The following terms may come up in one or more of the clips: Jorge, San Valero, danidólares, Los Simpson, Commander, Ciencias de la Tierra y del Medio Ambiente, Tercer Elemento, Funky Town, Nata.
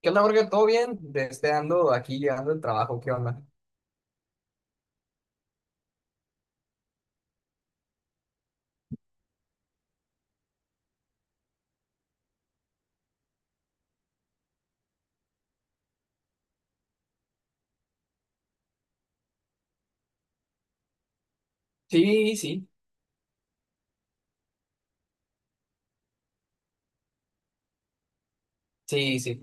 ¿Qué onda, Jorge? ¿Todo bien? Desde ando aquí llegando del trabajo, ¿qué onda? Sí, sí, sí, sí,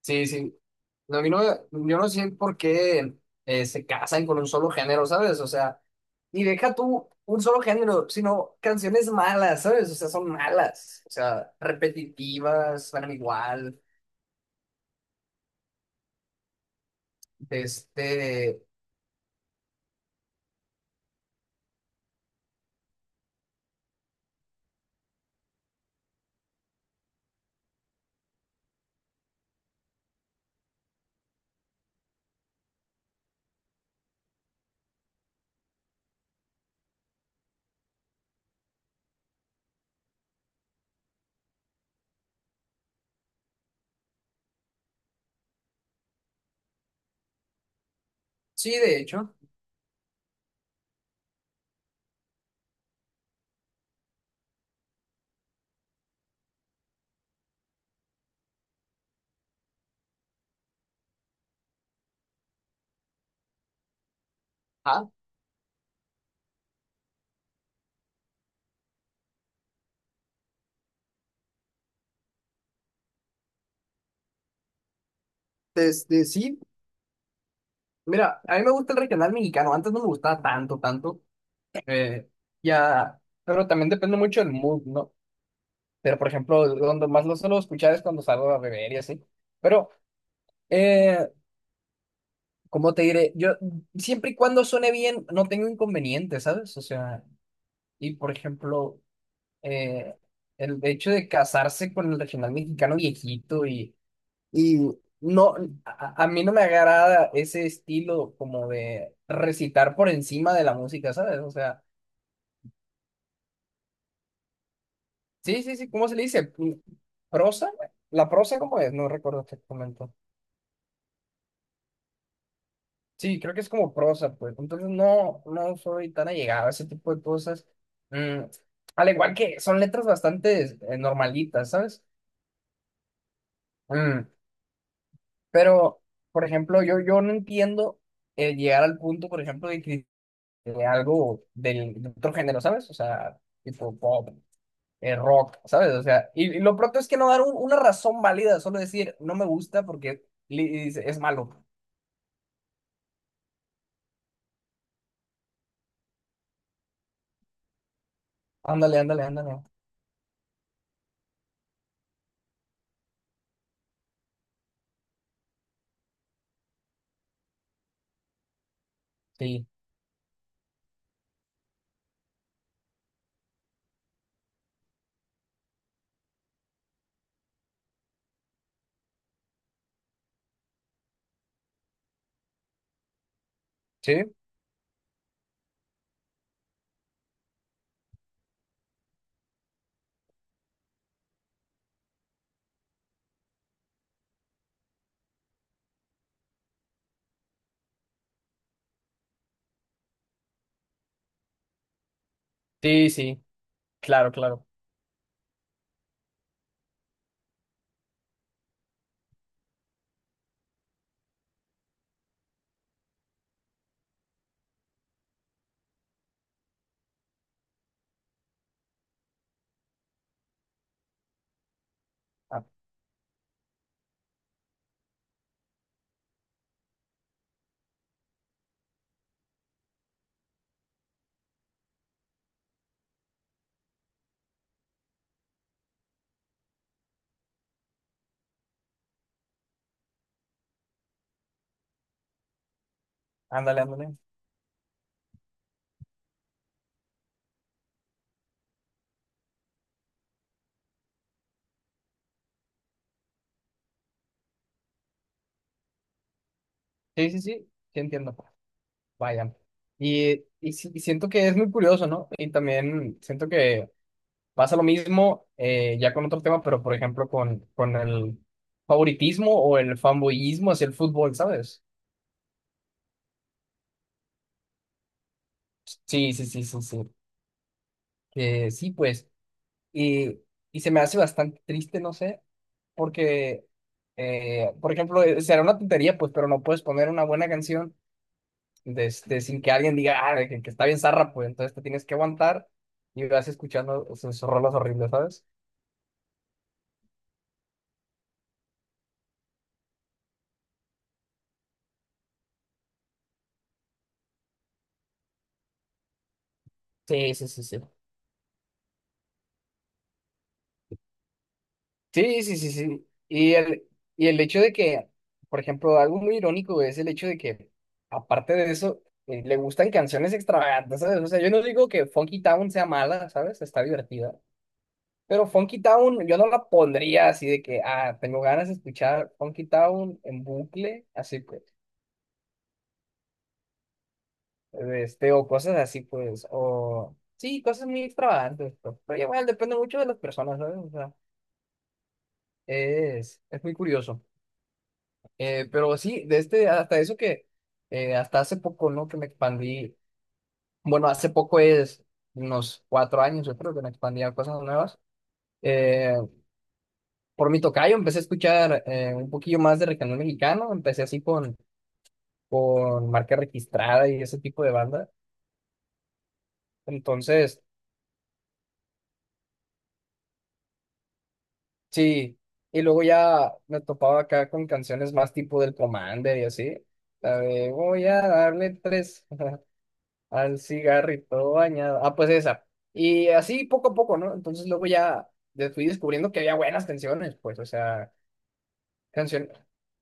sí, sí. No, a mí no, yo no sé por qué se casan con un solo género, ¿sabes? O sea, y deja tú un solo género, sino canciones malas, ¿sabes? O sea, son malas, o sea, repetitivas, suenan igual. Este, sí, de hecho. Ah, desde sí. Mira, a mí me gusta el regional mexicano, antes no me gustaba tanto, tanto. Eh, ya, pero también depende mucho del mood, ¿no? Pero, por ejemplo, donde más lo suelo escuchar es cuando salgo a beber y así. Pero, eh, ¿cómo te diré? Yo, siempre y cuando suene bien, no tengo inconvenientes, ¿sabes? O sea, y por ejemplo, eh, el hecho de casarse con el regional mexicano viejito y no, a mí no me agrada ese estilo como de recitar por encima de la música, ¿sabes? O sea. Sí, sí, sí, ¿cómo se le dice? ¿Prosa? ¿La prosa cómo es? No recuerdo exactamente. Sí, creo que es como prosa, pues. Entonces no, no soy tan allegado a ese tipo de cosas. Mm, al igual que son letras bastante normalitas, ¿sabes? Mm, pero, por ejemplo, yo no entiendo llegar al punto, por ejemplo, de que de algo de otro género, ¿sabes? O sea, tipo pop. Rock, ¿sabes? O sea, y lo pronto es que no dar una razón válida, solo decir, no me gusta porque y dice, es malo. Ándale, ándale, ándale. Sí, sí, sí, sí, claro, claro. Ah, ándale, ándale. Sí, sí, sí, sí entiendo. Vaya. Y siento que es muy curioso, ¿no? Y también siento que pasa lo mismo ya con otro tema, pero por ejemplo con, el favoritismo o el fanboyismo hacia el fútbol, ¿sabes? Sí, sí, sí, sí, sí. Que sí, pues. Y, y se me hace bastante triste, no sé, porque, por ejemplo, será una tontería, pues, pero no puedes poner una buena canción de este, sin que alguien diga, ah, que está bien zarra, pues, entonces te tienes que aguantar y vas escuchando sus rolas horribles, ¿sabes? Sí, sí, sí, sí. Sí, sí, sí, sí. Y el hecho de que, por ejemplo, algo muy irónico güey, es el hecho de que, aparte de eso, le gustan canciones extravagantes, ¿sabes? O sea, yo no digo que Funky Town sea mala, ¿sabes? Está divertida. Pero Funky Town, yo no la pondría así de que, ah, tengo ganas de escuchar Funky Town en bucle, así pues, este, o cosas así pues, o sí, cosas muy extravagantes, pues, pero igual depende mucho de las personas, ¿sabes? O sea, es, muy curioso. Pero sí, de este, hasta eso que, hasta hace poco, ¿no? Que me expandí, bueno, hace poco es unos 4 años, yo creo que me expandí a cosas nuevas. Eh, por mi tocayo empecé a escuchar un poquillo más de regional mexicano, empecé así con Marca Registrada y ese tipo de banda. Entonces, sí. Y luego ya me topaba acá con canciones más tipo del Commander y así. La de voy a darle tres al cigarrito bañado. Ah, pues esa. Y así poco a poco, ¿no? Entonces luego ya fui descubriendo que había buenas canciones, pues, o sea, canción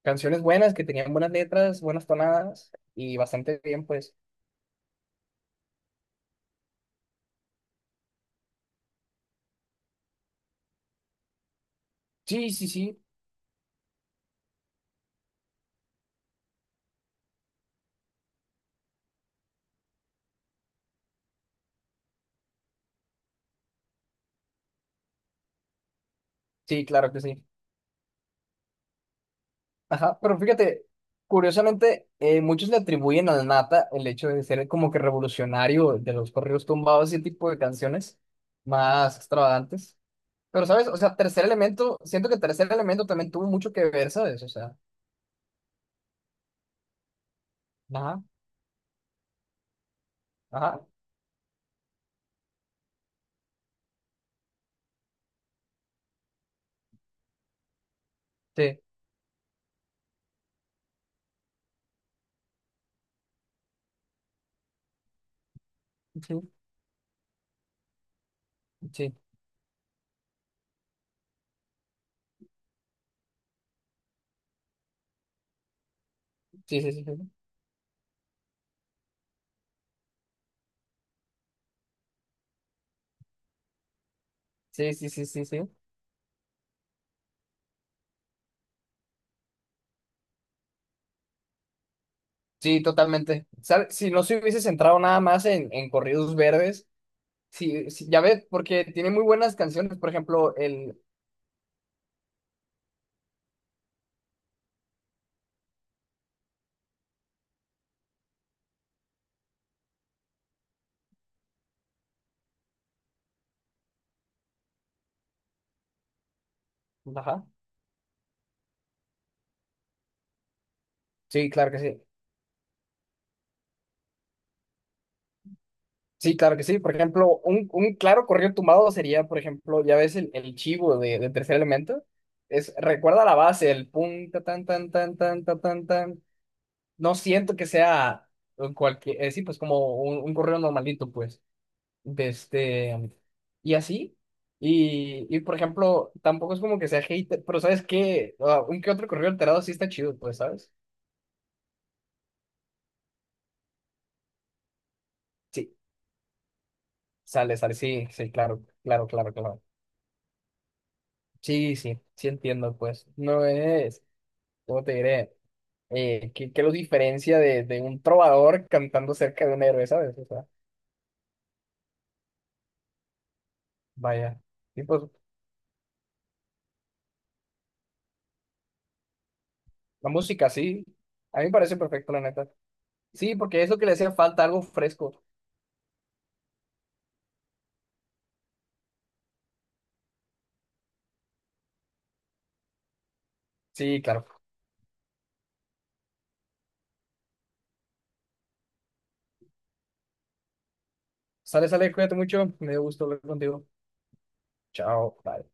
canciones buenas que tenían buenas letras, buenas tonadas y bastante bien, pues. Sí, sí, sí. Sí, claro que sí. Ajá, pero fíjate, curiosamente, muchos le atribuyen al Nata el hecho de ser como que revolucionario de los corridos tumbados y ese tipo de canciones más extravagantes. Pero, ¿sabes? O sea, Tercer Elemento, siento que Tercer Elemento también tuvo mucho que ver, ¿sabes? O sea, ajá, ajá, sí, sí, sí, sí, sí, sí, sí, sí, sí, sí, sí, sí, totalmente. ¿Sabes? Si no se hubiese centrado nada más en, corridos verdes, sí, sí, ya ves, porque tiene muy buenas canciones, por ejemplo, ajá, sí, claro que sí. Sí, claro que sí. Por ejemplo, un, claro corrido tumbado sería, por ejemplo, ya ves el chivo de Tercer Elemento. Es, recuerda la base, el pum, ta, tan, tan, tan, tan, ta, tan, tan. No siento que sea cualquier, sí, pues como un corrido normalito, pues. De este, y así. Y, por ejemplo, tampoco es como que sea hater, pero ¿sabes qué? Ah, un que otro corrido alterado sí está chido, pues, ¿sabes? Sí, sale, sale, sí, sí, claro, claro, claro, claro. Sí, sí, sí entiendo, pues. No es. ¿Cómo te diré? ¿Qué lo diferencia de, un trovador cantando cerca de un héroe, ¿sabes? O sea, vaya. Y pues, la música, sí. A mí me parece perfecto, la neta. Sí, porque es lo que le hacía falta, algo fresco. Sí, claro. Sale, sale, cuídate mucho. Me dio gusto hablar contigo. Chao, bye.